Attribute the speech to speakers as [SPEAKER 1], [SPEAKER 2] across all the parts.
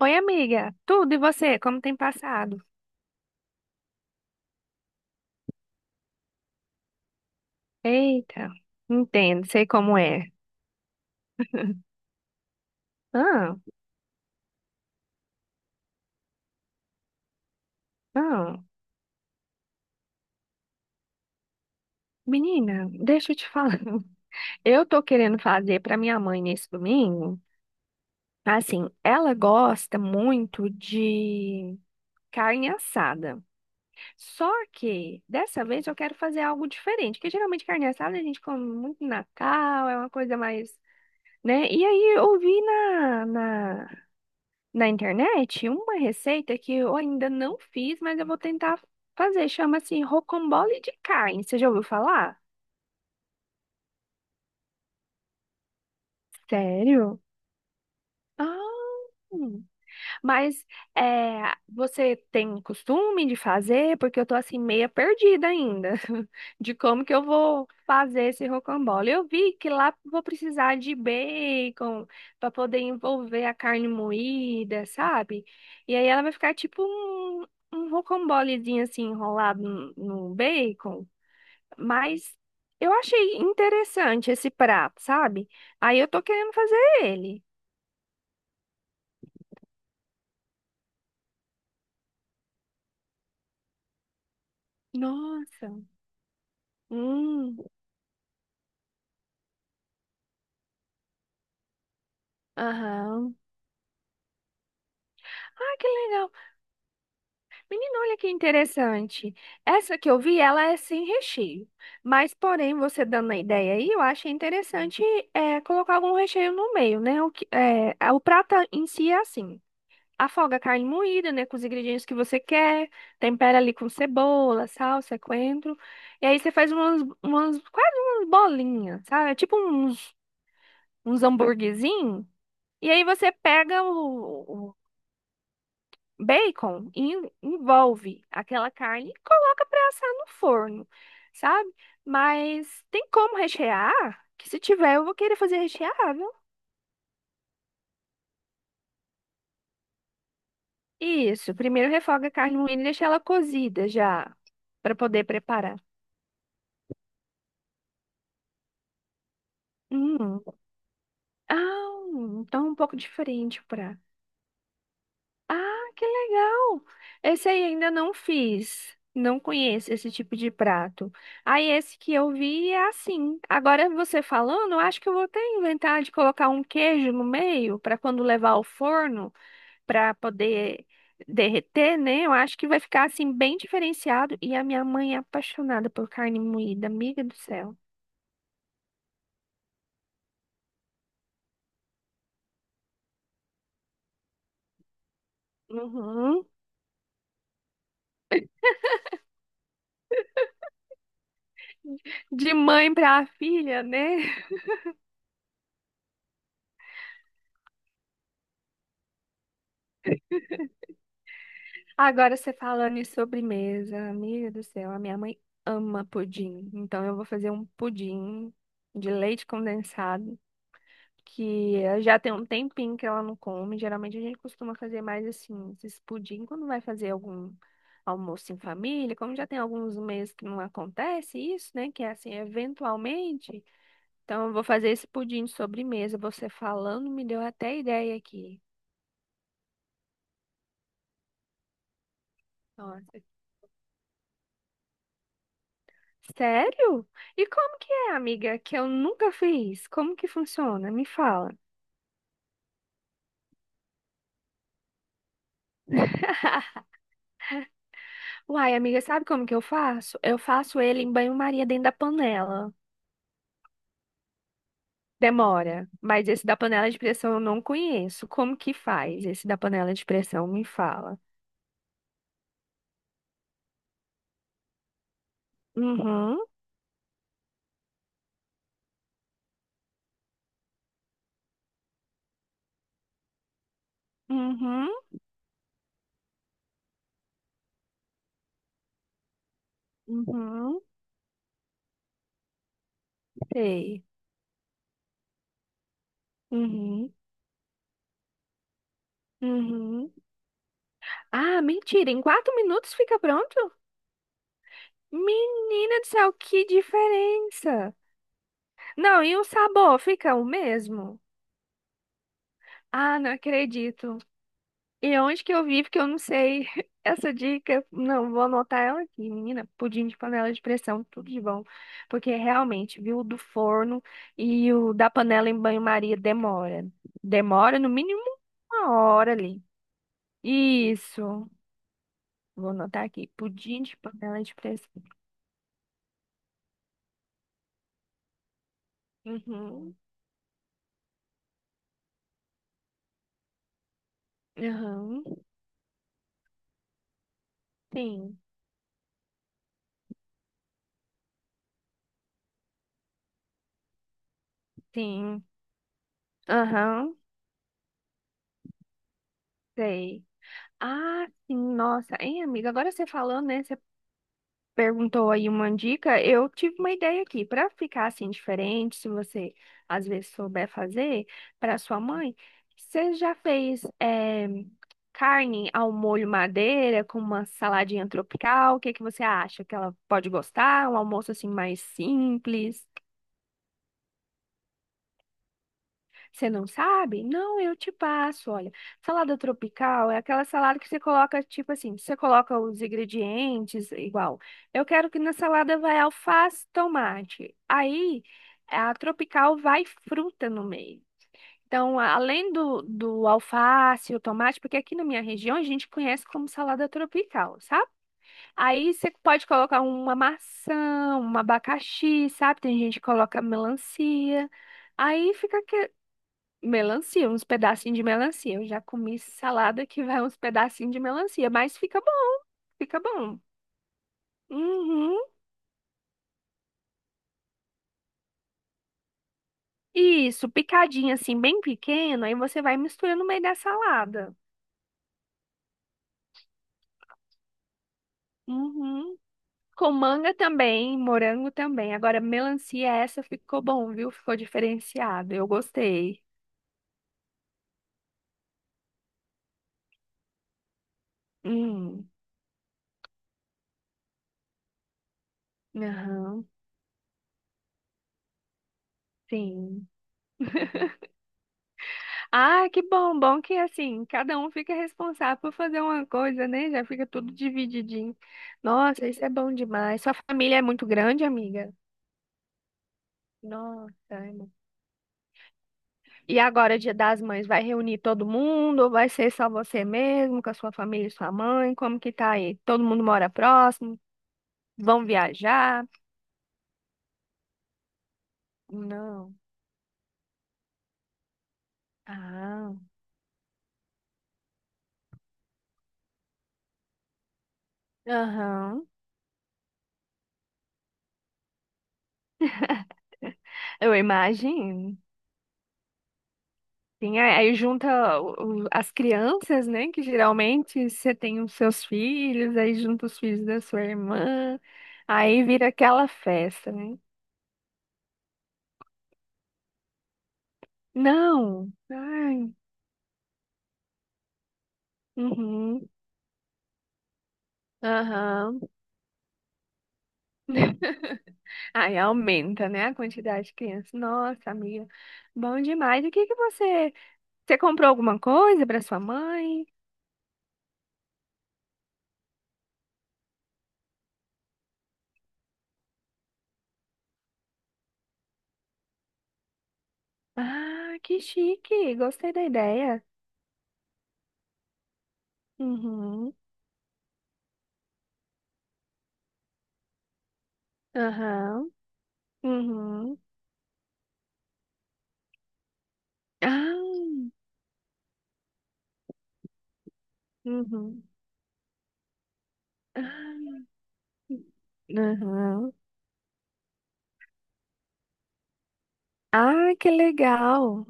[SPEAKER 1] Oi, amiga. Tudo e você? Como tem passado? Eita, entendo, sei como é. Ah, ah, menina, deixa eu te falar. Eu tô querendo fazer pra minha mãe nesse domingo. Assim, ela gosta muito de carne assada. Só que dessa vez eu quero fazer algo diferente, porque geralmente carne assada a gente come muito no Natal, é uma coisa mais, né? E aí eu vi na internet uma receita que eu ainda não fiz, mas eu vou tentar fazer. Chama-se rocambole de carne. Você já ouviu falar? Sério? Ah, mas é, você tem um costume de fazer? Porque eu tô assim meia perdida ainda de como que eu vou fazer esse rocambole. Eu vi que lá vou precisar de bacon para poder envolver a carne moída, sabe? E aí ela vai ficar tipo um rocambolezinho assim enrolado no bacon. Mas eu achei interessante esse prato, sabe? Aí eu tô querendo fazer ele. Nossa. Hum. Aham. Ah, que legal. Menina, olha que interessante. Essa que eu vi, ela é sem recheio. Mas, porém, você dando a ideia aí, eu achei interessante colocar algum recheio no meio, né? O prato em si é assim. Afoga a carne moída, né? Com os ingredientes que você quer. Tempera ali com cebola, salsa, coentro. E aí você faz umas, umas quase umas bolinhas, sabe? É, tipo uns hamburguezinhos. E aí você pega bacon e envolve aquela carne e coloca para assar no forno, sabe? Mas tem como rechear? Que se tiver, eu vou querer fazer recheado. Isso, primeiro refoga a carne moída e deixa ela cozida já, para poder preparar. Hum. Ah, então é um pouco diferente o prato. Ah, que legal! Esse aí ainda não fiz. Não conheço esse tipo de prato. Aí esse que eu vi é assim. Agora você falando, eu acho que eu vou até inventar de colocar um queijo no meio para quando levar ao forno, para poder derreter, né? Eu acho que vai ficar assim bem diferenciado. E a minha mãe é apaixonada por carne moída, amiga do céu. Uhum. De mãe para filha, né? Agora você falando em sobremesa, amiga do céu, a minha mãe ama pudim. Então eu vou fazer um pudim de leite condensado, que já tem um tempinho que ela não come. Geralmente a gente costuma fazer mais assim, esses pudim quando vai fazer algum almoço em família, como já tem alguns meses que não acontece isso, né? Que é assim, eventualmente. Então eu vou fazer esse pudim de sobremesa. Você falando me deu até ideia aqui. Sério? E como que é, amiga? Que eu nunca fiz. Como que funciona? Me fala. Uai, amiga, sabe como que eu faço? Eu faço ele em banho-maria dentro da panela. Demora, mas esse da panela de pressão eu não conheço. Como que faz esse da panela de pressão? Me fala. Uhum, uhum, uhum, sei. Uhum, uhum. Ah, mentira, em 4 minutos fica pronto? Menina do céu, que diferença! Não, e o sabor fica o mesmo? Ah, não acredito. E onde que eu vivo que eu não sei essa dica? Não, vou anotar ela aqui, menina. Pudim de panela de pressão, tudo de bom. Porque realmente, viu, o do forno e o da panela em banho-maria demora. Demora no mínimo uma hora ali. Isso. Vou anotar aqui. Pudim de panela de pressão. Uhum. Aham. Sim. Sim. Aham. Sei. Ah, sim, nossa. Hein, amiga, agora você falando, né? Você perguntou aí uma dica. Eu tive uma ideia aqui. Para ficar assim diferente, se você às vezes souber fazer, para sua mãe, você já fez carne ao molho madeira com uma saladinha tropical? O que que você acha? Que ela pode gostar? Um almoço assim mais simples? Você não sabe? Não, eu te passo. Olha, salada tropical é aquela salada que você coloca, tipo assim, você coloca os ingredientes igual. Eu quero que na salada vai alface, tomate. Aí, a tropical vai fruta no meio. Então, além do alface, o tomate, porque aqui na minha região a gente conhece como salada tropical, sabe? Aí você pode colocar uma maçã, um abacaxi, sabe? Tem gente que coloca melancia. Aí fica melancia, uns pedacinhos de melancia. Eu já comi salada que vai uns pedacinhos de melancia, mas fica bom, fica bom. Uhum. Isso, picadinho assim, bem pequeno, aí você vai misturando no meio da salada. Uhum. Com manga também, morango também. Agora, melancia, essa ficou bom, viu? Ficou diferenciada. Eu gostei. Hum. Aham, sim. Ah, que bom, bom que assim, cada um fica responsável por fazer uma coisa, né? Já fica tudo divididinho. Nossa, isso é bom demais. Sua família é muito grande, amiga? Nossa. E agora, Dia das Mães, vai reunir todo mundo ou vai ser só você mesmo, com a sua família e sua mãe? Como que tá aí? Todo mundo mora próximo? Vão viajar? Não. Ah, aham. Eu imagino. Sim, aí junta as crianças, né? Que geralmente você tem os seus filhos, aí junta os filhos da sua irmã, aí vira aquela festa, né? Não! Ai, uhum, aham. Aí aumenta, né, a quantidade de crianças. Nossa, amiga, bom demais. E o que que você... Você comprou alguma coisa para sua mãe? Ah, que chique! Gostei da ideia. Uhum, aham, uhum. Ah, uhum. Aham. Ah, que legal.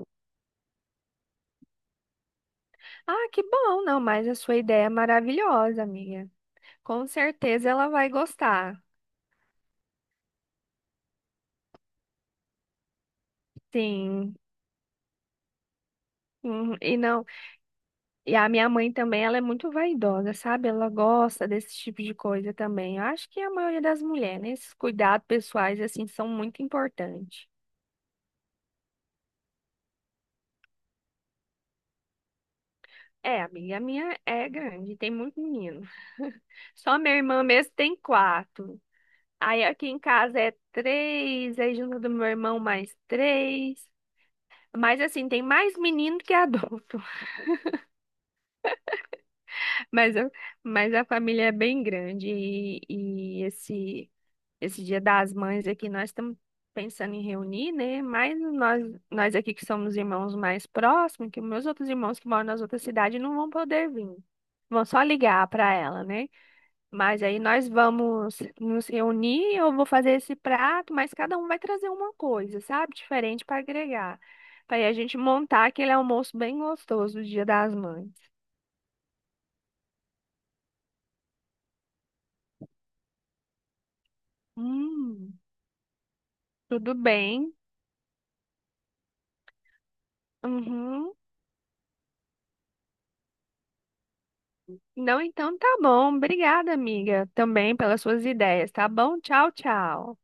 [SPEAKER 1] Ah, que bom, não, mas a sua ideia é maravilhosa, amiga. Com certeza ela vai gostar. Sim. Uhum. E não, e a minha mãe também, ela é muito vaidosa, sabe? Ela gosta desse tipo de coisa também. Eu acho que a maioria das mulheres, né? Esses cuidados pessoais assim são muito importantes. É, amiga, a minha é grande, tem muito menino. Só minha irmã mesmo tem quatro. Aí aqui em casa é três, aí junto do meu irmão mais três. Mas assim, tem mais menino que adulto. Mas, a- mas a família é bem grande. E esse Dia das Mães aqui, nós estamos pensando em reunir, né? Mas nós aqui que somos irmãos mais próximos, que meus outros irmãos que moram nas outras cidades não vão poder vir. Vão só ligar para ela, né? Mas aí nós vamos nos reunir, eu vou fazer esse prato, mas cada um vai trazer uma coisa, sabe? Diferente para agregar. Para aí a gente montar aquele almoço bem gostoso do Dia das Mães. Hum, tudo bem. Uhum. Não, então tá bom. Obrigada, amiga, também pelas suas ideias, tá bom? Tchau, tchau.